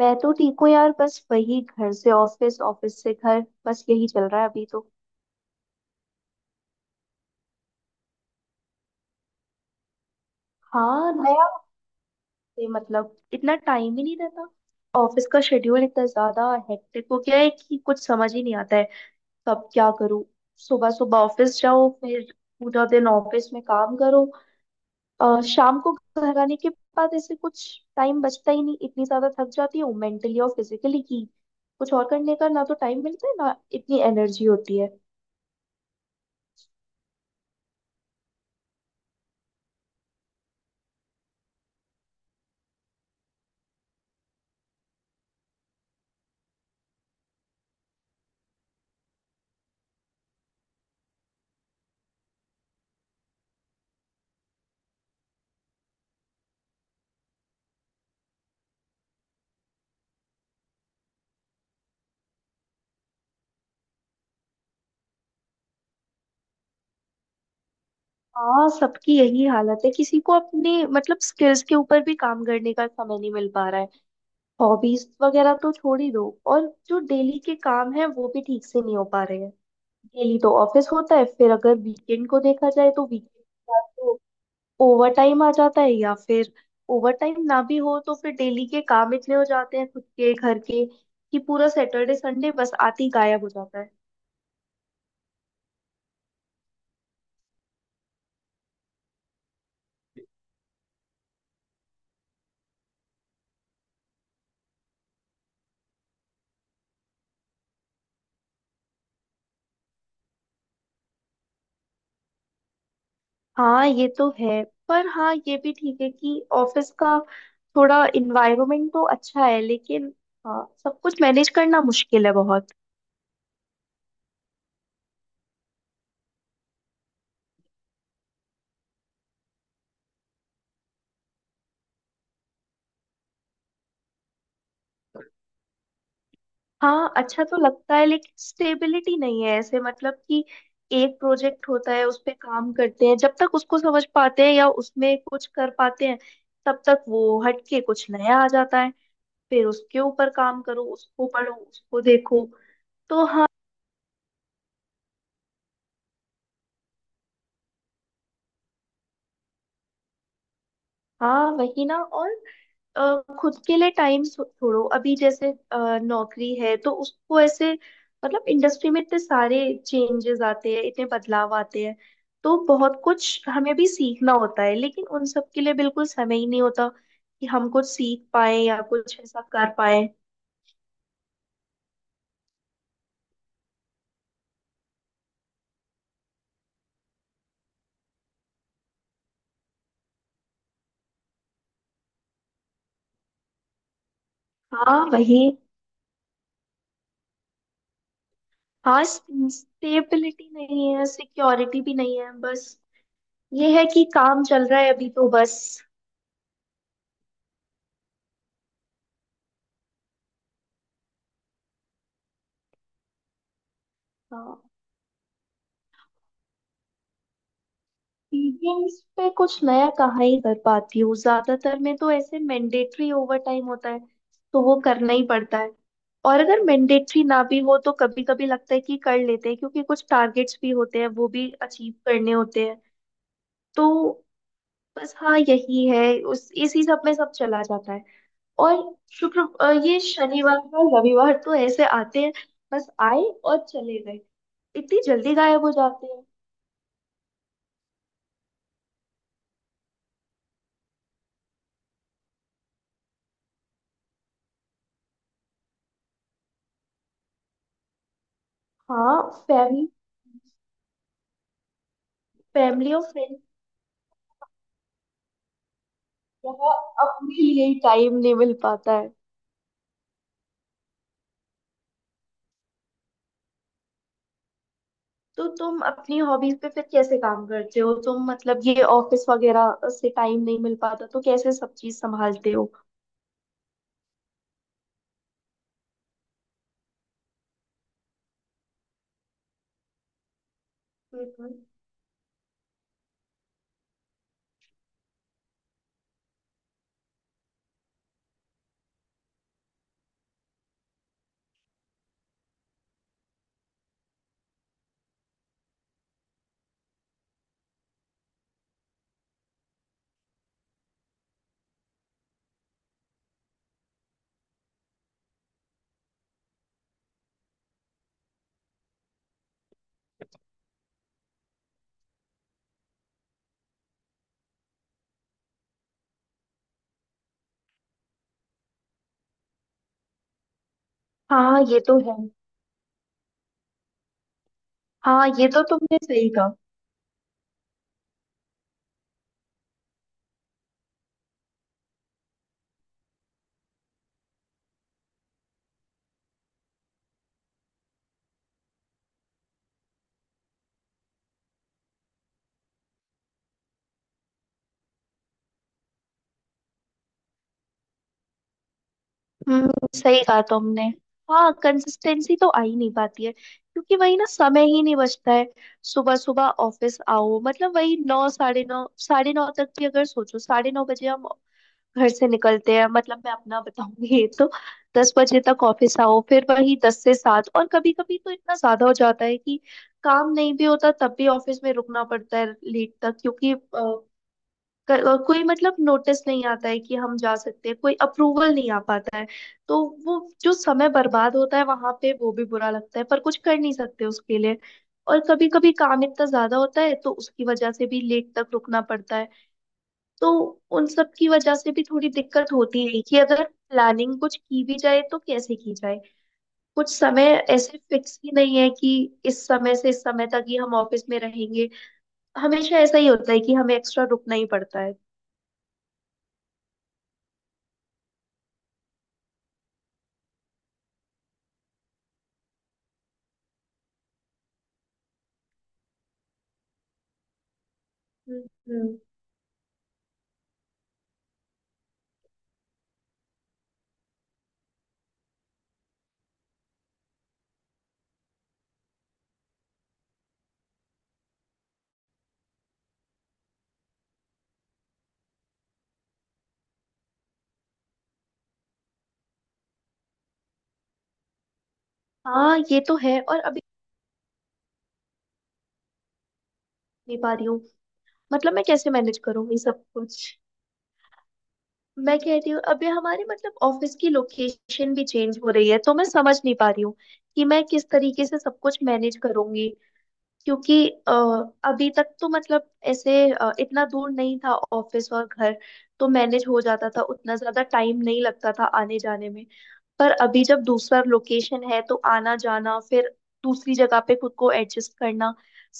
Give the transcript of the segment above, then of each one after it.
मैं तो ठीक हूँ यार। बस वही घर से ऑफिस, ऑफिस से घर। बस यही चल रहा है अभी तो। हाँ, नया हफ्ते मतलब इतना टाइम ही नहीं रहता। ऑफिस का शेड्यूल इतना ज्यादा हेक्टिक हो गया है कि कुछ समझ ही नहीं आता है कब क्या करूँ। सुबह सुबह ऑफिस जाओ, फिर पूरा दिन ऑफिस में काम करो, शाम को घर आने के बाद ऐसे कुछ टाइम बचता ही नहीं। इतनी ज्यादा थक जाती हूँ मेंटली और फिजिकली कि कुछ और करने का ना तो टाइम मिलता है ना इतनी एनर्जी होती है। हाँ, सबकी यही हालत है। किसी को अपने मतलब स्किल्स के ऊपर भी काम करने का समय नहीं मिल पा रहा है। हॉबीज वगैरह तो छोड़ ही दो, और जो डेली के काम है वो भी ठीक से नहीं हो पा रहे हैं। डेली तो ऑफिस होता है, फिर अगर वीकेंड को देखा जाए तो वीकेंड तो ओवर टाइम आ जाता है, या फिर ओवर टाइम ना भी हो तो फिर डेली के काम इतने हो जाते हैं खुद के घर के कि पूरा सैटरडे संडे बस आते ही गायब हो जाता है। हाँ, ये तो है। पर हाँ, ये भी ठीक है कि ऑफिस का थोड़ा इन्वायरमेंट तो अच्छा है, लेकिन हाँ, सब कुछ मैनेज करना मुश्किल है बहुत। हाँ, अच्छा तो लगता है लेकिन स्टेबिलिटी नहीं है ऐसे, मतलब कि एक प्रोजेक्ट होता है, उस पे काम करते हैं, जब तक उसको समझ पाते हैं या उसमें कुछ कर पाते हैं, तब तक वो हटके कुछ नया आ जाता है। फिर उसके ऊपर काम करो, उसको पढ़ो, उसको देखो। तो हाँ। हाँ, वही ना। और खुद के लिए टाइम छोड़ो, अभी जैसे नौकरी है तो उसको ऐसे मतलब इंडस्ट्री में इतने सारे चेंजेस आते हैं, इतने बदलाव आते हैं, तो बहुत कुछ हमें भी सीखना होता है, लेकिन उन सब के लिए बिल्कुल समय ही नहीं होता कि हम कुछ सीख पाए या कुछ ऐसा कर पाए। हाँ, वही। हाँ, स्टेबिलिटी नहीं है, सिक्योरिटी भी नहीं है। बस ये है कि काम चल रहा है अभी तो बस। हाँ, सीलिंग्स पे कुछ नया कहाँ ही कर पाती हूँ? ज्यादातर में तो ऐसे मैंडेटरी ओवर टाइम होता है, तो वो करना ही पड़ता है। और अगर मैंडेटरी ना भी हो तो कभी कभी लगता है कि कर लेते हैं, क्योंकि कुछ टारगेट्स भी होते हैं, वो भी अचीव करने होते हैं। तो बस हाँ, यही है। उस इसी सब में सब चला जाता है। और ये शनिवार और रविवार तो ऐसे आते हैं, बस आए और चले गए, इतनी जल्दी गायब हो जाते हैं। हाँ। फैमिली फैमिली और यहाँ अपने लिए टाइम नहीं मिल पाता है। तो तुम अपनी हॉबीज पे फिर कैसे काम करते हो तुम? मतलब ये ऑफिस वगैरह से टाइम नहीं मिल पाता, तो कैसे सब चीज संभालते हो? हम्म। हाँ, ये तो है। हाँ, ये तो तुमने सही कहा। हम्म, सही कहा तुमने। हाँ, कंसिस्टेंसी तो आ ही नहीं पाती है क्योंकि वही ना, समय ही नहीं बचता है। सुबह सुबह ऑफिस आओ, मतलब वही नौ, साढ़े नौ, साढ़े नौ तक भी अगर सोचो, 9:30 बजे हम घर से निकलते हैं, मतलब मैं अपना बताऊंगी तो 10 बजे तक ऑफिस आओ, फिर वही 10 से 7। और कभी कभी तो इतना ज्यादा हो जाता है कि काम नहीं भी होता तब भी ऑफिस में रुकना पड़ता है लेट तक, क्योंकि कोई मतलब नोटिस नहीं आता है कि हम जा सकते हैं, कोई अप्रूवल नहीं आ पाता है। तो वो जो समय बर्बाद होता है वहां पे, वो भी बुरा लगता है, पर कुछ कर नहीं सकते उसके लिए। और कभी कभी काम इतना ज्यादा होता है तो उसकी वजह से भी लेट तक रुकना पड़ता है। तो उन सब की वजह से भी थोड़ी दिक्कत होती है कि अगर प्लानिंग कुछ की भी जाए तो कैसे की जाए। कुछ समय ऐसे फिक्स ही नहीं है कि इस समय से इस समय तक ही हम ऑफिस में रहेंगे। हमेशा ऐसा ही होता है कि हमें एक्स्ट्रा रुकना ही पड़ता है। हम्म। हम्म। हाँ, ये तो है। और अभी नहीं पा रही हूँ, मतलब मैं कैसे मैनेज करूंगी सब कुछ। मैं कह रही हूँ अभी हमारे मतलब ऑफिस की लोकेशन भी चेंज हो रही है, तो मैं समझ नहीं पा रही हूँ कि मैं किस तरीके से सब कुछ मैनेज करूंगी, क्योंकि अभी तक तो मतलब ऐसे इतना दूर नहीं था ऑफिस और घर, तो मैनेज हो जाता था, उतना ज्यादा टाइम नहीं लगता था आने जाने में। पर अभी जब दूसरा लोकेशन है तो आना जाना, फिर दूसरी जगह पे खुद को एडजस्ट करना,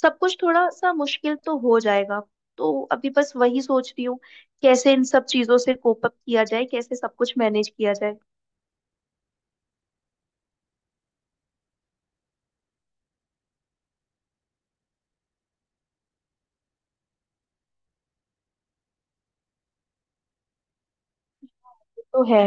सब कुछ थोड़ा सा मुश्किल तो हो जाएगा। तो अभी बस वही सोच रही हूँ, कैसे इन सब चीजों से कोप अप किया जाए, कैसे सब कुछ मैनेज किया जाए। तो है।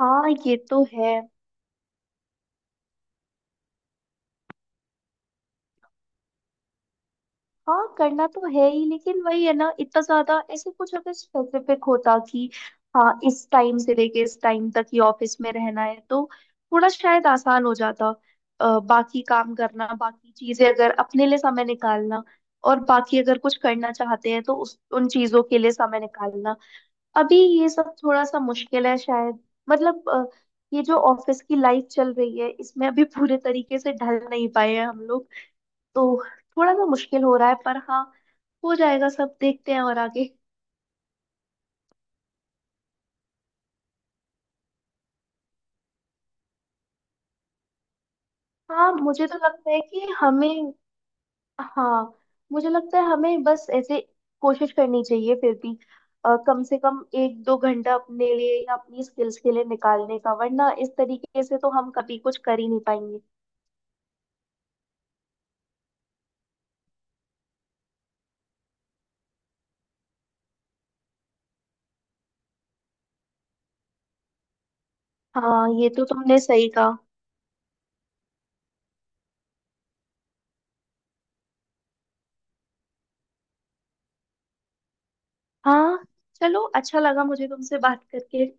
हाँ, ये तो है। हाँ, करना तो है ही, लेकिन वही है ना, इतना ज्यादा ऐसे कुछ अगर स्पेसिफिक होता कि हाँ, इस टाइम से लेके इस टाइम तक ही ऑफिस में रहना है तो थोड़ा शायद आसान हो जाता। बाकी काम करना, बाकी चीजें, अगर अपने लिए समय निकालना और बाकी अगर कुछ करना चाहते हैं तो उस उन चीजों के लिए समय निकालना, अभी ये सब थोड़ा सा मुश्किल है शायद। मतलब ये जो ऑफिस की लाइफ चल रही है, इसमें अभी पूरे तरीके से ढल नहीं पाए हैं हम लोग, तो थोड़ा सा मुश्किल हो रहा है। पर हाँ, हो जाएगा सब, देखते हैं और आगे। हाँ, मुझे तो लगता है कि हमें, हाँ, मुझे लगता है हमें बस ऐसे कोशिश करनी चाहिए फिर भी। कम से कम एक दो घंटा अपने लिए या अपनी स्किल्स के लिए निकालने का, वरना इस तरीके से तो हम कभी कुछ कर ही नहीं पाएंगे। हाँ, ये तो तुमने सही कहा। हाँ, चलो, अच्छा लगा मुझे तुमसे बात करके।